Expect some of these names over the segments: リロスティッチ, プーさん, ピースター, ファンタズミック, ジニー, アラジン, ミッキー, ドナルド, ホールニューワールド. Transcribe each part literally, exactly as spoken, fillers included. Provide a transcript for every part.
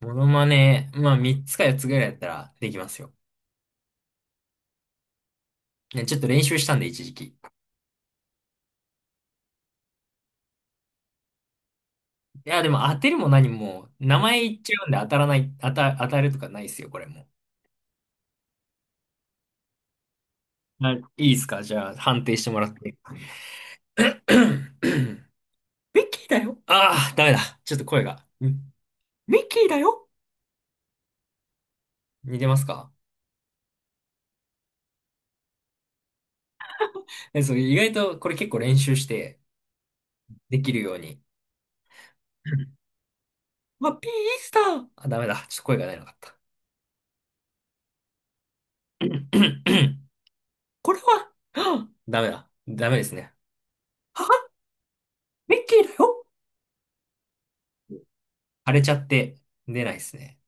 モノマネ、まあみっつかよっつぐらいやったらできますよ。ね、ちょっと練習したんで一時期。いや、でも当てるも何も、名前言っちゃうんで当たらない、当た、当たるとかないですよ、これもう。はいいいですかじゃあ判定してもらって。ミッキーだよ。ああ、ダメだ。ちょっと声が。うんミッキーだよ。似てますか？え、そう、意外とこれ結構練習してできるように。まあ、ピースター。あ、ダメだ。ちょっと声が出なかった。これは、ダメだ。ダメですね。ミッキーだよ。腫れちゃって出ないですね。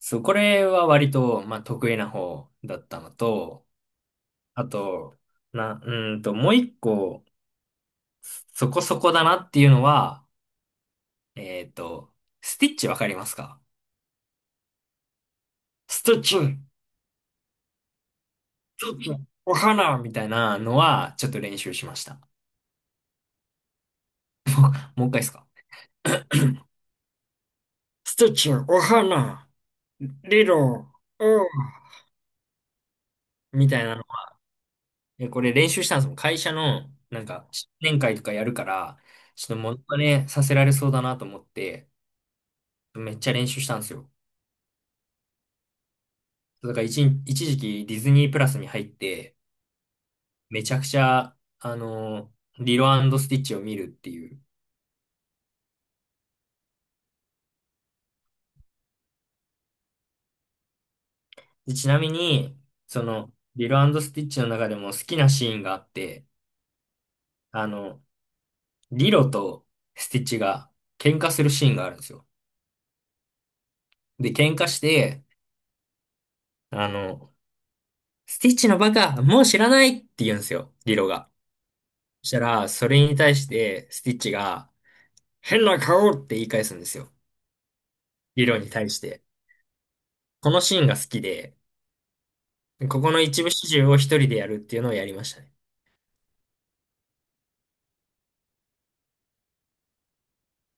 そう、これは割と、まあ、得意な方だったのと、あと、な、うーんと、もう一個、そこそこだなっていうのは、えっと、スティッチわかりますか？スティッチ、スティッチ、お花みたいなのは、ちょっと練習しました。もう一回ですか？スティッチ、お花、リロ、おみたいなので、これ練習したんですもん。会社の、なんか、新年会とかやるから、ちょっとモノマネさせられそうだなと思って、めっちゃ練習したんですよ。だから一、一時期ディズニープラスに入って、めちゃくちゃ、あの、リロスティッチを見るっていう。でちなみに、その、リロスティッチの中でも好きなシーンがあって、あの、リロとスティッチが喧嘩するシーンがあるんですよ。で、喧嘩して、あの、スティッチのバカ、もう知らないって言うんですよ、リロが。そしたら、それに対して、スティッチが、変な顔って言い返すんですよ。リロに対して。このシーンが好きで、ここの一部始終を一人でやるっていうのをやりましたね。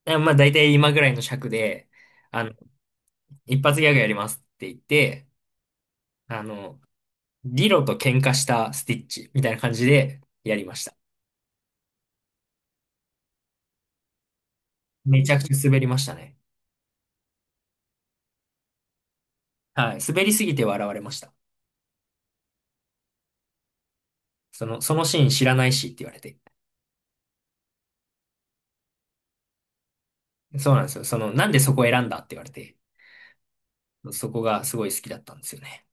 でまあ、大体今ぐらいの尺で、あの、一発ギャグやりますって言って、あの、リロと喧嘩したスティッチみたいな感じでやりました。めちゃくちゃ滑りましたね。はい。滑りすぎて笑われました。その、そのシーン知らないしって言われて。そうなんですよ。その、なんでそこを選んだって言われて、そこがすごい好きだったんですよね。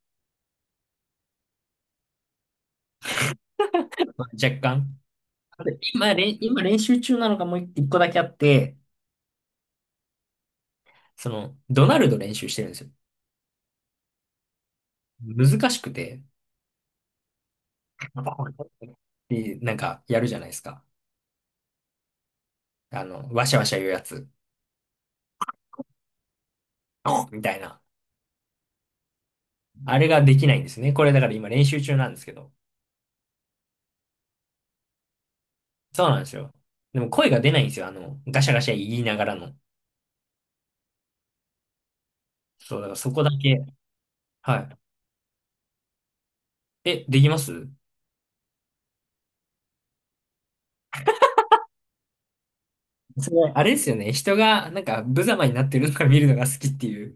まあ、若干。で今、練今練習中なのがもう一個だけあって、その、ドナルド練習してるんですよ。難しくて、で、なんかやるじゃないですか。あの、わしゃわしゃ言うやつ、みたいな。あれができないんですね。これだから今練習中なんですけど。そうなんですよ。でも声が出ないんですよ。あの、ガシャガシャ言いながらの。そう、だからそこだけ。はい。え、できます？それあれですよね。人が、なんか、無様になってるのが見るのが好きっていう。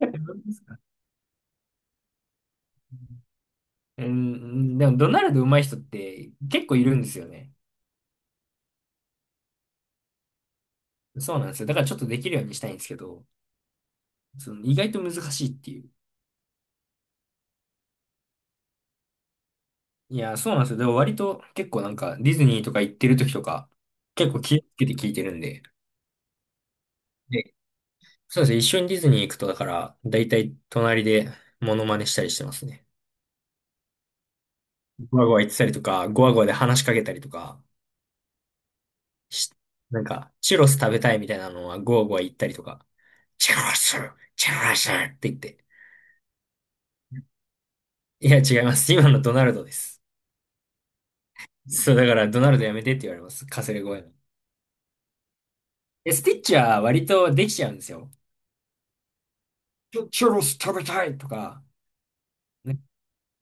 本当ですか？うん、でも、ドナルド上手い人って結構いるんですよね。そうなんですよ。だからちょっとできるようにしたいんですけど、その意外と難しいっていう。いや、そうなんですよ。でも割と結構なんか、ディズニーとか行ってる時とか、結構気をつけて聞いてるんで。で、そうですね。一緒にディズニー行くと、だから、だいたい隣でモノマネしたりしてますね。ゴワゴワ言ってたりとか、ゴワゴワで話しかけたりとか。しなんか、チュロス食べたいみたいなのはゴーゴー言ったりとか、チュロス、チュロスって言って。いや、違います。今のドナルドです。そう、だからドナルドやめてって言われます。かすれ声の。え、スティッチは割とできちゃうんですよ。チュチュロス食べたいとか、ね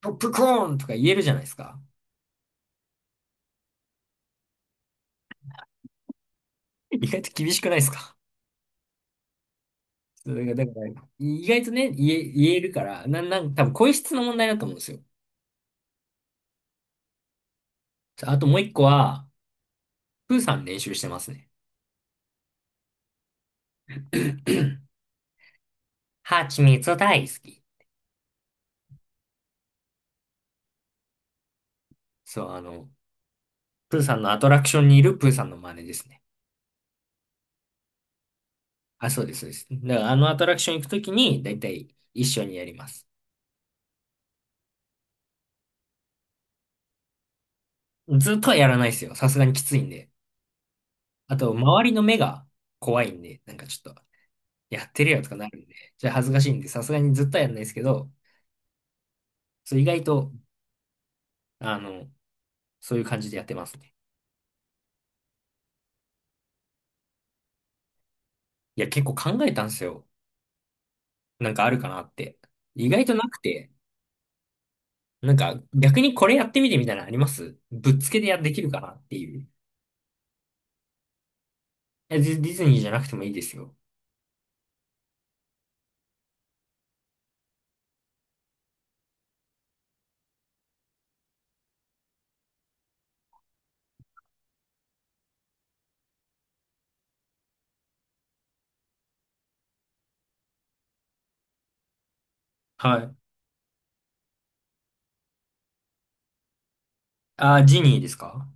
ポップコーンとか言えるじゃないですか。意外と厳しくないですか？そうだから、だから意外とね、言え、言えるから、な、なんか多分声質の問題だと思うんですよ。あともう一個は、プーさん練習してますね。ハチミツ大好き。そう、あの、プーさんのアトラクションにいるプーさんの真似ですね。あ、そうです、そうです。だからあのアトラクション行くときに、だいたい一緒にやります。ずっとはやらないですよ。さすがにきついんで。あと、周りの目が怖いんで、なんかちょっと、やってるよとかなるんで、じゃあ恥ずかしいんで、さすがにずっとはやらないですけど、そう、意外と、あの、そういう感じでやってますね。いや、結構考えたんですよ。なんかあるかなって。意外となくて、なんか逆にこれやってみてみたいなのありますぶっつけでやできるかなっていう。え、ディディズニーじゃなくてもいいですよ。はい。あジニーですか？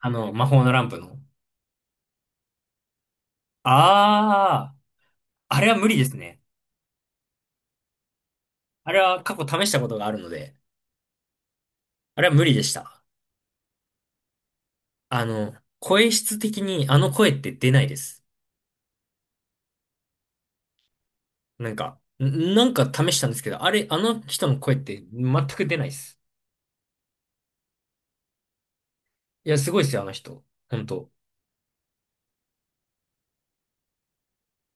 あの、魔法のランプの。ああ、あれは無理ですね。あれは過去試したことがあるので、あれは無理でした。あの、声質的にあの声って出ないです。なんか、んなんか試したんですけど、あれ、あの人の声って全く出ないです。いや、すごいですよ、あの人。本当。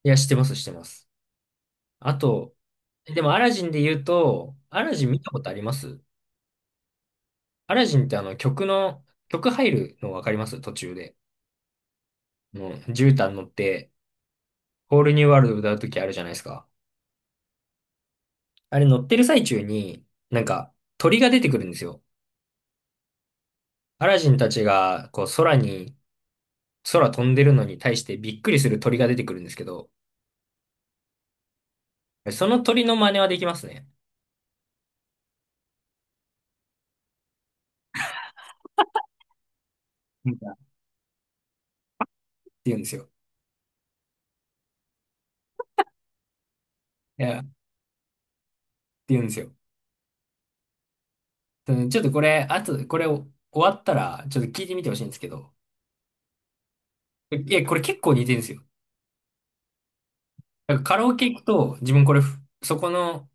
いや、してます、してます。あと、でもアラジンで言うと、アラジン見たことあります？アラジンってあの曲の、曲入るのわかります？途中で。あの、絨毯乗って、ホールニューワールド歌うときあるじゃないですか。あれ乗ってる最中に、なんか鳥が出てくるんですよ。アラジンたちがこう空に、空飛んでるのに対してびっくりする鳥が出てくるんですけど、その鳥の真似はできますね。なんかって言うんですよ。いや、って言うんですよ。うんちょっとこれ、あと、これ終わったら、ちょっと聞いてみてほしいんですけど、いや、これ結構似てるんですよ。なんかカラオケ行くと、自分これ、そこの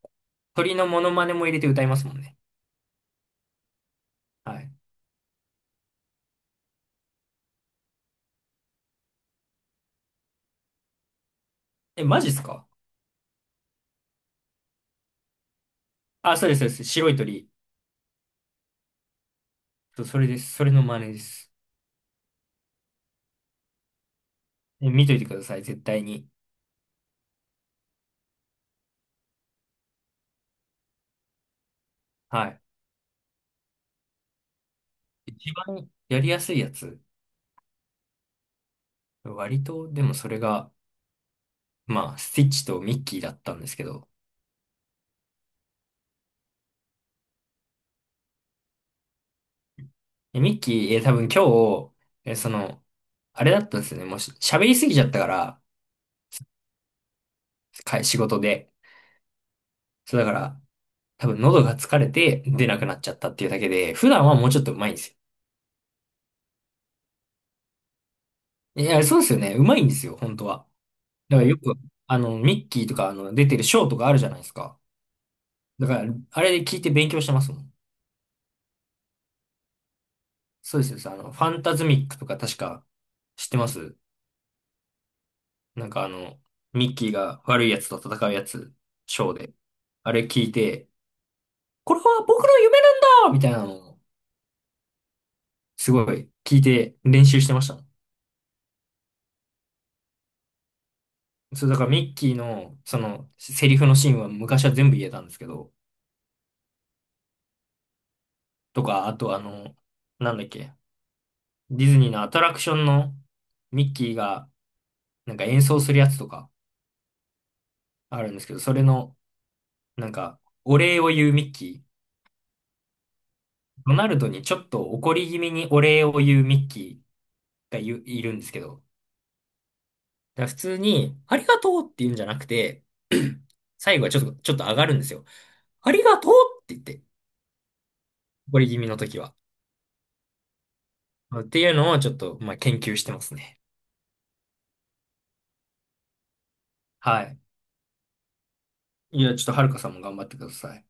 鳥のモノマネも入れて歌いますもんね。はい。え、マジっすか？あ、そうです、そうです。白い鳥。そうそれです。それの真似です。え、見といてください、絶対に。はい。一番やりやすいやつ。割と、でもそれが、まあ、スティッチとミッキーだったんですけど。えミッキー、え、多分今日、え、その、あれだったんですよね。もうし喋りすぎちゃったから、か仕事で。そうだから、多分喉が疲れて出なくなっちゃったっていうだけで、普段はもうちょっと上手いんですよ。いや、そうですよね。上手いんですよ、本当は。だからよく、あの、ミッキーとか、あの、出てるショーとかあるじゃないですか。だから、あれで聞いて勉強してますもん。そうですよ、そうあの、ファンタズミックとか確か知ってます？なんかあの、ミッキーが悪いやつと戦うやつ、ショーで。あれ聞いて、これは僕の夢なんだみたいなのを、すごい聞いて練習してましたもん。そう、だからミッキーの、その、セリフのシーンは昔は全部言えたんですけど、とか、あとあの、なんだっけ、ディズニーのアトラクションのミッキーが、なんか演奏するやつとかあるんですけど、それの、なんか、お礼を言うミッキー、ドナルドにちょっと怒り気味にお礼を言うミッキーがゆいるんですけど、だから普通に、ありがとうって言うんじゃなくて、最後はちょっと、ちょっと上がるんですよ。ありがとうって言って、怒り気味の時は。っていうのをちょっと、まあ、研究してますね。はい。いや、ちょっとはるかさんも頑張ってください。